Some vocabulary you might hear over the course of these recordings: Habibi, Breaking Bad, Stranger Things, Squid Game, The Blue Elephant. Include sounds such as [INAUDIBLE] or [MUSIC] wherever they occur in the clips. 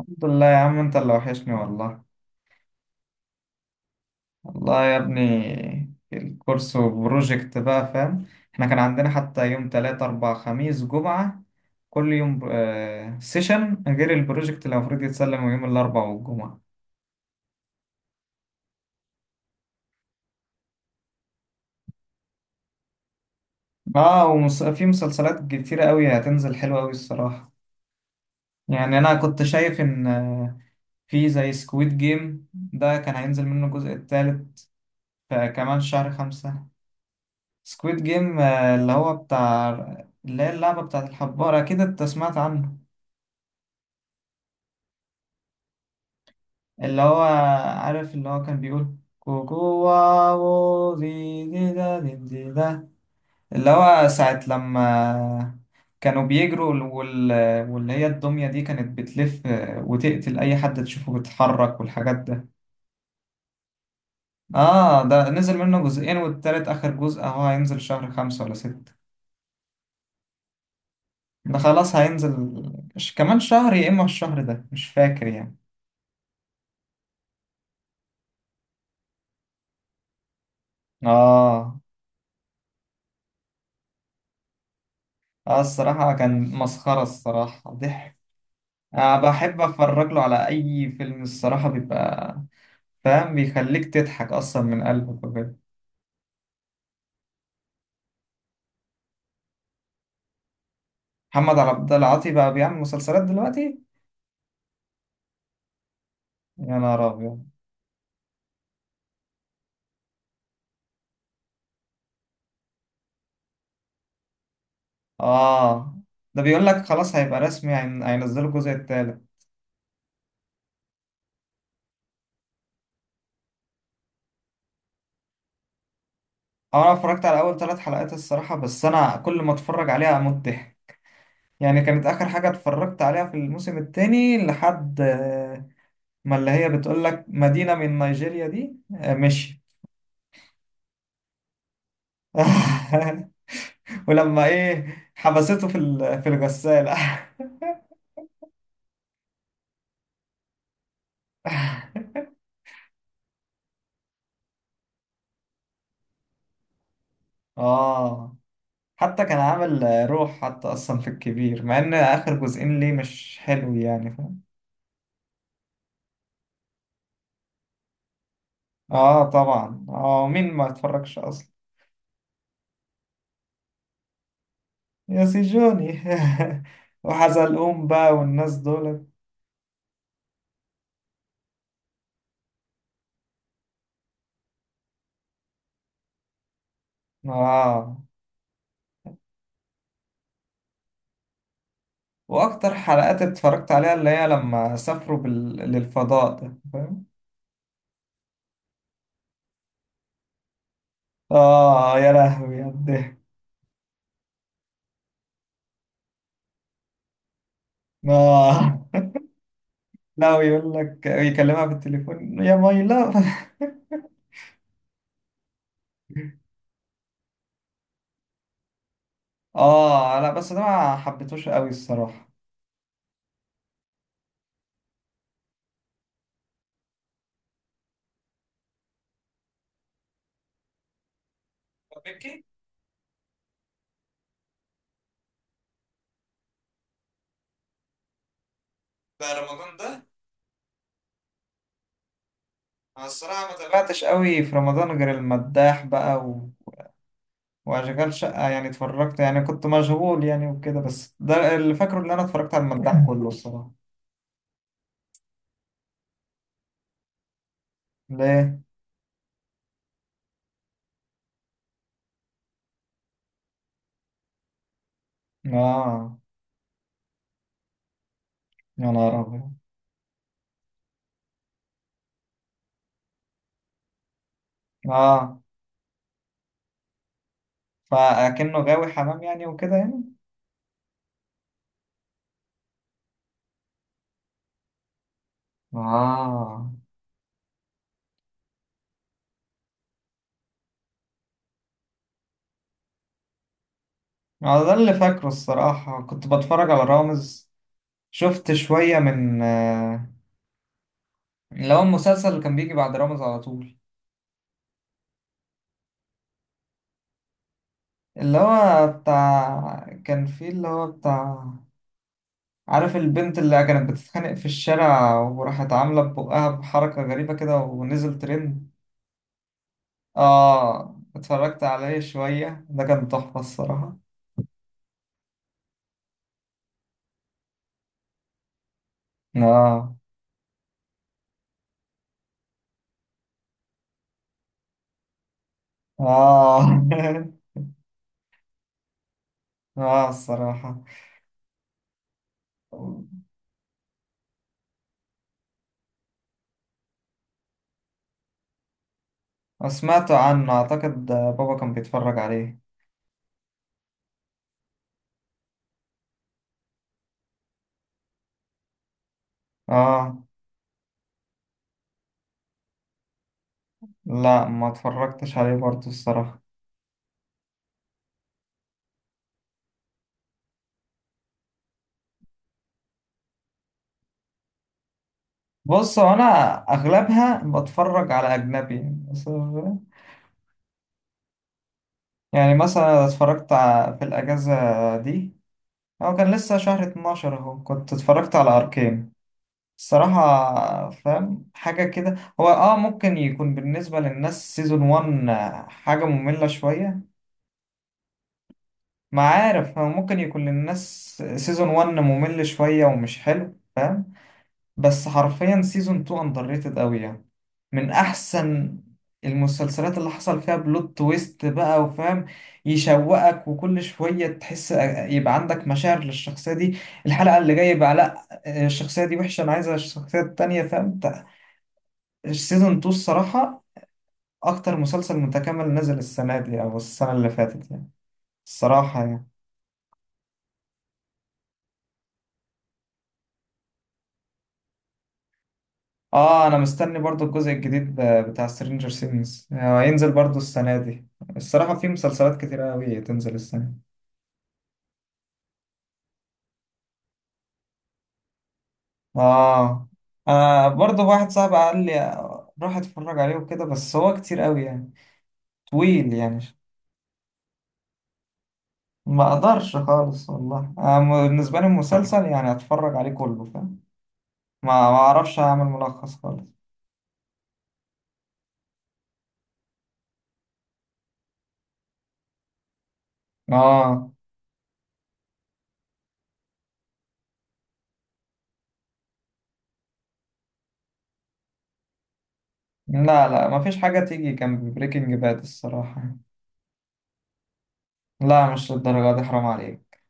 الحمد لله يا عم، انت اللي وحشني والله. والله يا ابني الكورس وبروجكت بقى، فاهم. احنا كان عندنا حتى يوم تلاتة أربعة خميس جمعة كل يوم سيشن، غير البروجكت اللي المفروض يتسلم يوم الأربعاء والجمعة. اه، وفي مسلسلات كتيرة قوي هتنزل حلوة قوي الصراحة. يعني أنا كنت شايف إن في زي سكويد جيم ده كان هينزل منه الجزء التالت. آه، كمان شهر خمسة. سكويد جيم اللي هو بتاع، اللي هي اللعبة بتاعت الحبارة، أكيد أنت سمعت عنه. اللي هو عارف، اللي هو كان بيقول كوكو واو دي دي دا دي دي دا، اللي هو ساعة لما كانوا بيجروا واللي هي الدمية دي كانت بتلف وتقتل أي حد تشوفه بيتحرك والحاجات ده. آه، ده نزل منه جزئين والتالت آخر جزء أهو هينزل شهر خمسة ولا ستة. ده خلاص هينزل كمان شهر يا إما الشهر ده، مش فاكر يعني. آه. آه، الصراحة كان مسخرة، الصراحة ضحك. أنا بحب أتفرج له على أي فيلم، الصراحة بيبقى فاهم، بيخليك تضحك أصلا من قلبك وكده. محمد عبد العاطي بقى بيعمل مسلسلات دلوقتي؟ يا نهار أبيض. آه، ده بيقول لك خلاص هيبقى رسمي، هينزلوا الجزء التالت. آه، أنا اتفرجت على أول ثلاث حلقات الصراحة، بس أنا كل ما أتفرج عليها أموت ضحك. يعني كانت آخر حاجة اتفرجت عليها في الموسم التاني لحد ما اللي هي بتقول لك مدينة من نيجيريا دي. آه، مشي. [LAUGHS] ولما ايه حبسته في الغسالة. [LAUGHS] اه، حتى كان عامل. روح حتى اصلا في الكبير، مع ان اخر جزئين ليه مش حلو يعني، فاهم. اه طبعا. اه، مين ما اتفرجش اصلا. يا سيجوني. [LAUGHS] وحزلقوم بقى والناس دول. اه. واكتر حلقات اتفرجت عليها اللي هي لما سافروا بال... للفضاء ده، فاهم. اه، يا لهوي يا الضحك. اه. لا، ويقول لك يكلمها بالتليفون يا ماي لاف. اه، لا بس ده ما حبيتهوش قوي الصراحه. بيكي. بقى رمضان ده؟ انا الصراحه ما تابعتش قوي في رمضان غير المداح بقى واشغال شقه يعني، اتفرجت يعني، كنت مشغول يعني وكده، بس ده اللي فاكره ان انا اتفرجت على المداح كله الصراحه. ليه؟ اه. يا نهار ابيض. اه، فاكنه غاوي حمام يعني وكده يعني. اه. على ده اللي فاكره الصراحة، كنت بتفرج على رامز. شفت شوية من اللي هو المسلسل اللي كان بيجي بعد رامز على طول. اللي هو بتاع كان فيه اللي هو بتاع عارف البنت اللي كانت بتتخانق في الشارع وراحت عاملة ببقها بحركة غريبة كده ونزل ترند. اه، اتفرجت عليه شوية، ده كان تحفة الصراحة. اه. اه. [LAUGHS] اه الصراحة. سمعت عنه، اعتقد بابا كان بيتفرج عليه. اه، لا ما اتفرجتش عليه برضه الصراحة. بص، هو انا اغلبها بتفرج على اجنبي. بس- يعني مثلا اتفرجت في الاجازة دي، هو كان لسه شهر 12 اهو، كنت اتفرجت على اركين الصراحة، فاهم حاجة كده. هو اه ممكن يكون بالنسبة للناس سيزون 1 حاجة مملة شوية. ما عارف، هو ممكن يكون للناس سيزون 1 ممل شوية ومش حلو، فاهم. بس حرفيا سيزون 2 اندر ريتد قوي يعني، من احسن المسلسلات اللي حصل فيها بلوت تويست بقى، وفاهم يشوقك، وكل شوية تحس يبقى عندك مشاعر للشخصية دي، الحلقة اللي جاية يبقى لا، الشخصية دي وحشة انا عايزة الشخصية التانية، فاهم. السيزون 2 الصراحة اكتر مسلسل متكامل نزل السنة دي او السنة اللي فاتت يعني، الصراحة يعني. اه، انا مستني برضو الجزء الجديد بتاع سترينجر سينجز هينزل برضو السنة دي. الصراحة في مسلسلات كتيرة أوي تنزل السنة. اه. انا برضه واحد صاحبي قال لي روح اتفرج عليه وكده، بس هو كتير قوي يعني، طويل يعني. ما اقدرش خالص والله أنا بالنسبه لي المسلسل يعني اتفرج عليه كله، فاهم. ما اعرفش اعمل ملخص خالص. اه. لا لا، ما فيش حاجه تيجي جنب بريكنج باد الصراحه. لا، مش للدرجه دي، حرام عليك.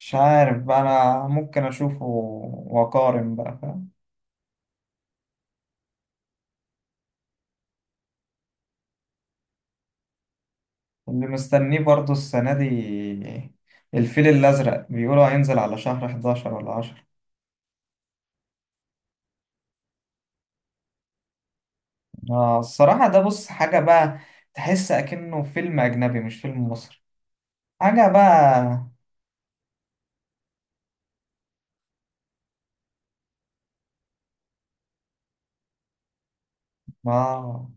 مش عارف بقى، انا ممكن اشوفه واقارن بقى. اللي مستنيه برضو السنة دي الفيل الأزرق، بيقولوا هينزل على شهر 11 ولا 10. آه الصراحة ده، بص حاجة بقى، تحس أكنه فيلم أجنبي مش فيلم مصري، حاجة بقى. آه.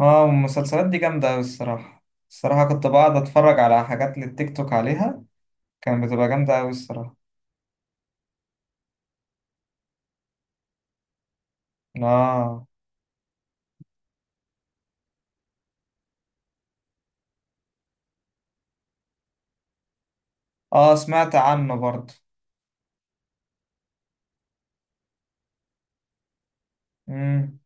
آه، المسلسلات دي جامدة أوي الصراحة. الصراحة كنت بقعد أتفرج على حاجات للتيك توك عليها، كانت بتبقى جامدة أوي الصراحة. آه. آه، سمعت عنه برضو. مم.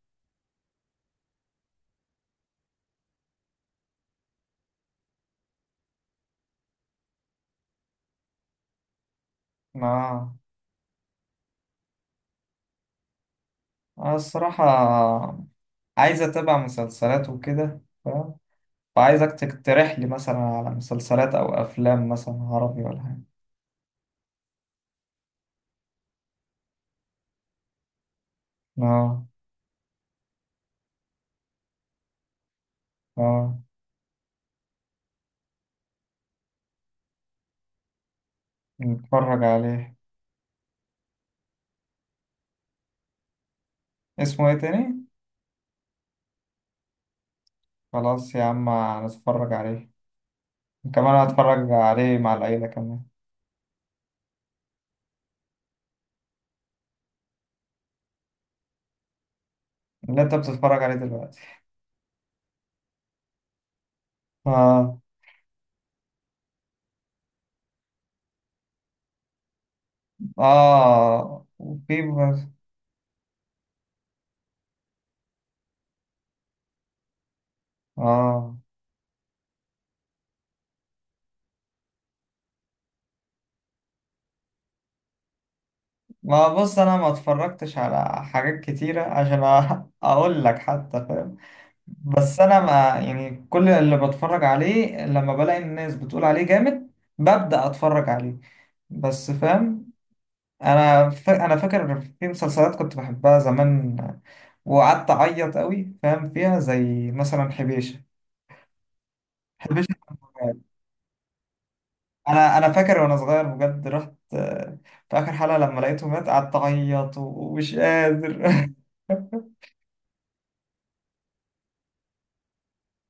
آه. آه الصراحة، عايز أتابع مسلسلات وكده، فعايزك تقترح لي مثلا على مسلسلات أو أفلام مثلا عربي ولا حاجة. آه. آه. نتفرج عليه. اسمه إيه تاني؟ خلاص يا عم هنتفرج عليه. كمان هتفرج عليه مع العيلة كمان. اللي أنت بتتفرج عليه دلوقتي؟ آه. آه وفي بس. آه. ما بص، أنا ما اتفرجتش على حاجات كتيرة عشان [LAUGHS] أقول لك حتى، فاهم. بس انا ما، يعني كل اللي بتفرج عليه لما بلاقي الناس بتقول عليه جامد ببدأ اتفرج عليه، بس فاهم. انا فاكر في مسلسلات كنت بحبها زمان وقعدت اعيط قوي فاهم فيها، زي مثلا حبيشة. حبيشة كان مرعب. انا فاكر وانا صغير بجد، رحت في اخر حلقة لما لقيته مات قعدت اعيط ومش قادر. [LAUGHS]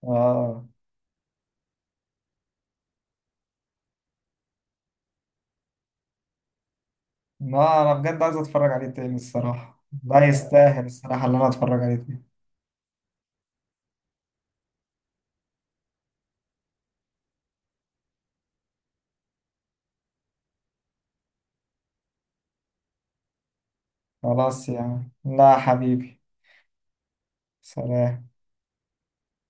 اه، ما انا بجد عايز اتفرج عليه تاني الصراحة، ده يستاهل الصراحة اللي انا اتفرج عليه تاني. خلاص يا عم. لا حبيبي. سلام.